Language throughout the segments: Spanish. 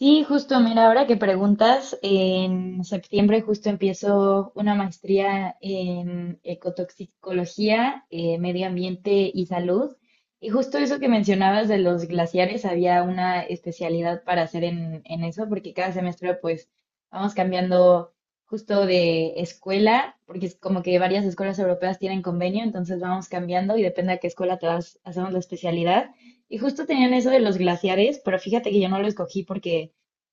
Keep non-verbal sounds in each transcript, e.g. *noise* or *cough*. Sí, justo, mira, ahora que preguntas, en septiembre justo empiezo una maestría en ecotoxicología, medio ambiente y salud. Y justo eso que mencionabas de los glaciares, había una especialidad para hacer en eso, porque cada semestre pues vamos cambiando justo de escuela, porque es como que varias escuelas europeas tienen convenio, entonces vamos cambiando y depende a qué escuela te vas, hacemos la especialidad. Y justo tenían eso de los glaciares, pero fíjate que yo no lo escogí porque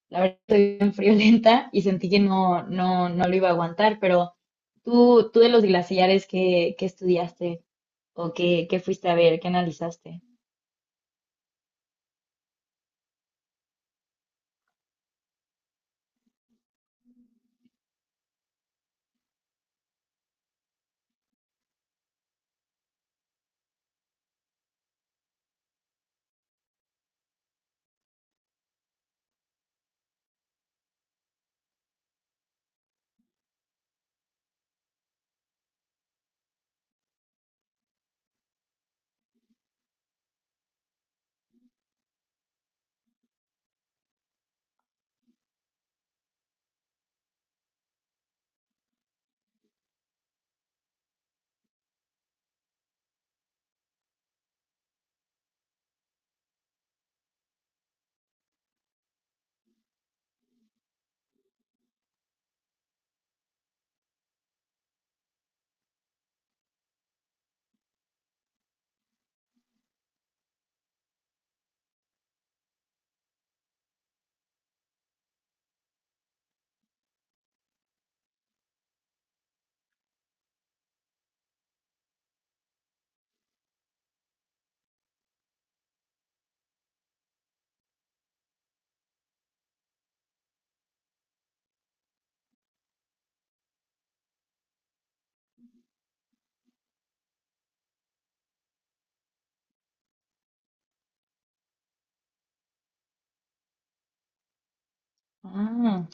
la verdad estoy bien friolenta y sentí que no, no, no lo iba a aguantar, pero tú de los glaciares, ¿qué estudiaste o qué fuiste a ver, qué analizaste? Ah.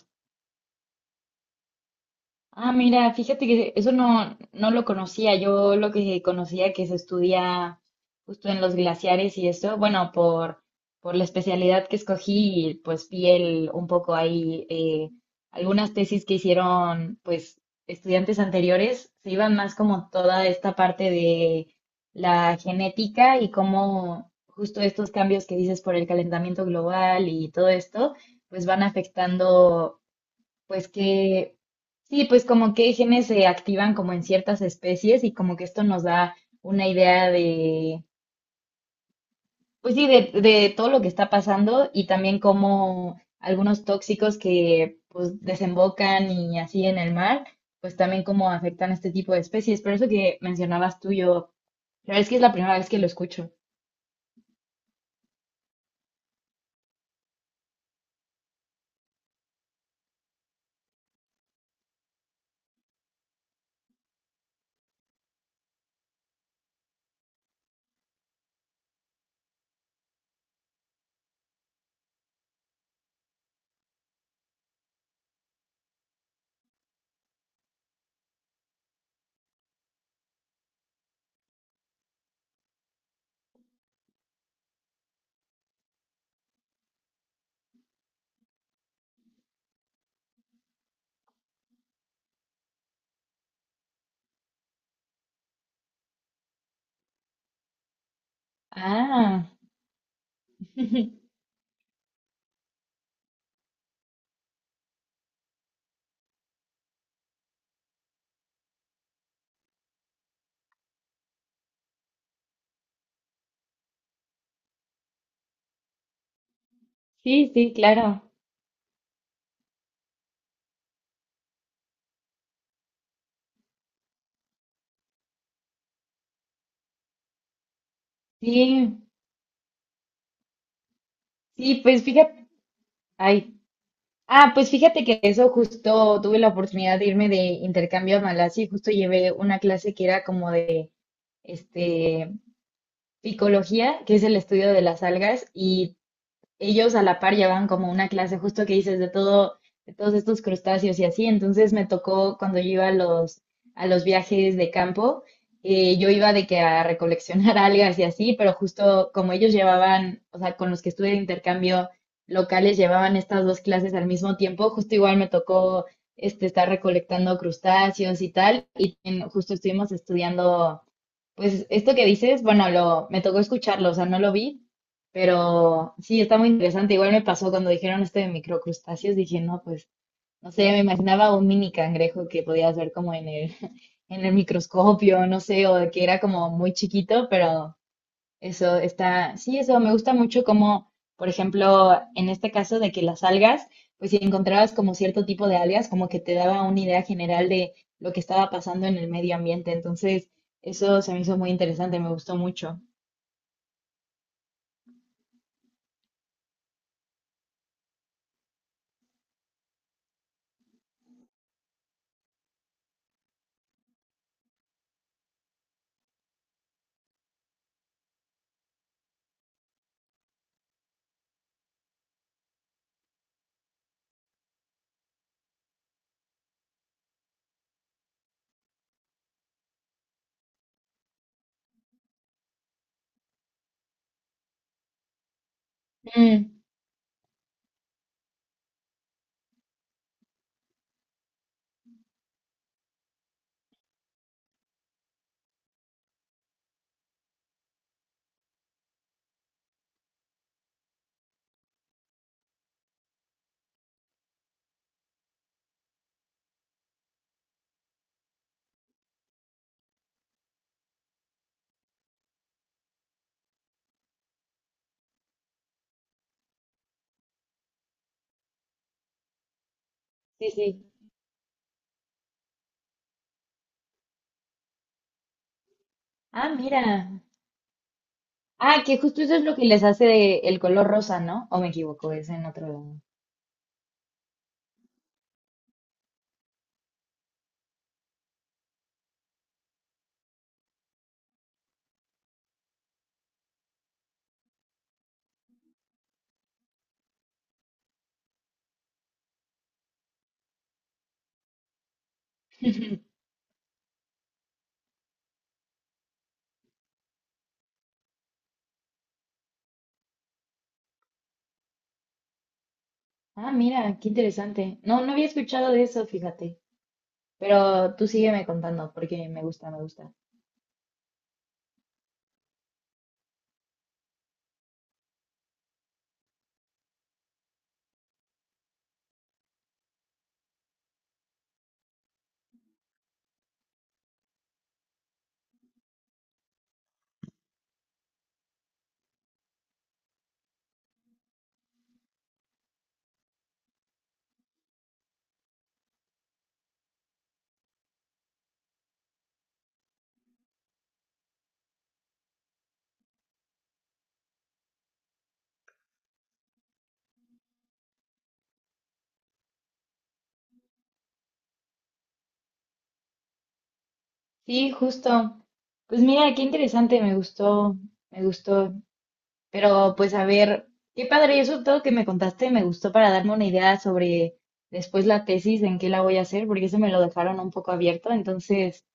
Ah, mira, fíjate que eso no lo conocía. Yo lo que conocía que se estudia justo en los glaciares y eso, bueno, por la especialidad que escogí, y pues vi el un poco ahí algunas tesis que hicieron pues estudiantes anteriores, se iban más como toda esta parte de la genética y cómo justo estos cambios que dices por el calentamiento global y todo esto, pues van afectando. Pues que, sí, pues como que genes se activan como en ciertas especies y como que esto nos da una idea de, pues sí, de todo lo que está pasando y también como algunos tóxicos que pues desembocan y así en el mar, pues también como afectan a este tipo de especies. Pero eso que mencionabas tú, yo, la verdad es que es la primera vez que lo escucho. Ah, *laughs* sí, sí, claro. Sí, sí, pues fíjate, ay. Ah, pues fíjate que eso justo tuve la oportunidad de irme de intercambio a Malasia y justo llevé una clase que era como de este picología, que es el estudio de las algas y ellos a la par llevan como una clase justo que dices de todo, de todos estos crustáceos y así. Entonces me tocó cuando yo iba a los viajes de campo, yo iba de que a recoleccionar *laughs* algas y así, pero justo como ellos llevaban, o sea, con los que estuve de intercambio locales llevaban estas dos clases al mismo tiempo, justo igual me tocó este, estar recolectando crustáceos y tal, y en- justo estuvimos estudiando pues esto que dices, bueno, lo, me tocó escucharlo, o sea, no lo vi, pero sí, está muy interesante. Igual me pasó cuando dijeron esto de microcrustáceos, dije, no, pues, no sé, me imaginaba un mini cangrejo que podías ver como en el, *laughs* en el microscopio, no sé, o que era como muy chiquito, pero eso está, sí, eso me gusta mucho como, por ejemplo, en este caso de que las algas, pues si encontrabas como cierto tipo de algas, como que te daba una idea general de lo que estaba pasando en el medio ambiente. Entonces, eso se me hizo muy interesante, me gustó mucho. Mm, sí, sí. Ah, mira. Ah, que justo eso es lo que les hace de- el color rosa, ¿no? ¿O me equivoco? Es en otro lado. *laughs* Ah, mira, qué interesante. No había escuchado de eso, fíjate. Pero tú sígueme contando porque me gusta, me gusta. Sí, justo. Pues mira, qué interesante, me gustó, me gustó. Pero pues a ver, qué padre, eso todo que me contaste me gustó para darme una idea sobre después la tesis, en qué la voy a hacer, porque eso me lo dejaron un poco abierto. Entonces,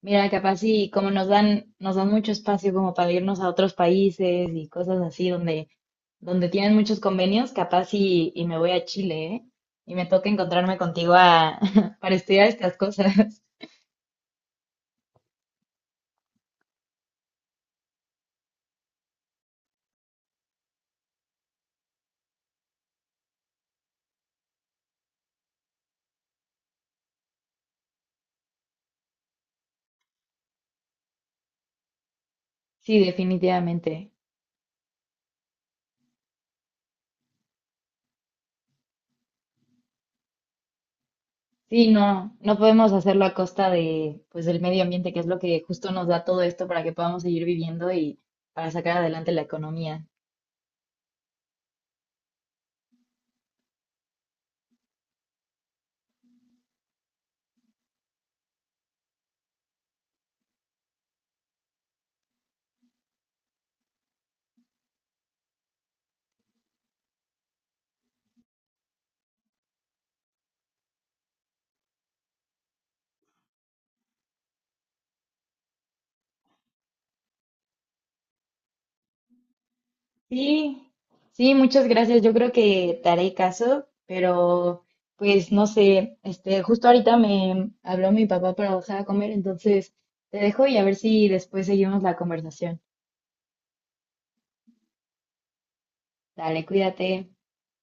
mira, capaz y como nos dan mucho espacio como para irnos a otros países y cosas así donde, donde tienen muchos convenios, capaz y me voy a Chile, ¿eh? Y me toca encontrarme contigo a, *laughs* para estudiar estas cosas. *laughs* Sí, definitivamente. Sí, no, no podemos hacerlo a costa de, pues, del medio ambiente, que es lo que justo nos da todo esto para que podamos seguir viviendo y para sacar adelante la economía. Sí, sí, muchas gracias. Yo creo que te haré caso, pero pues no sé, este, justo ahorita me habló mi papá para bajar a comer, entonces te dejo y a ver si después seguimos la conversación. Dale, cuídate.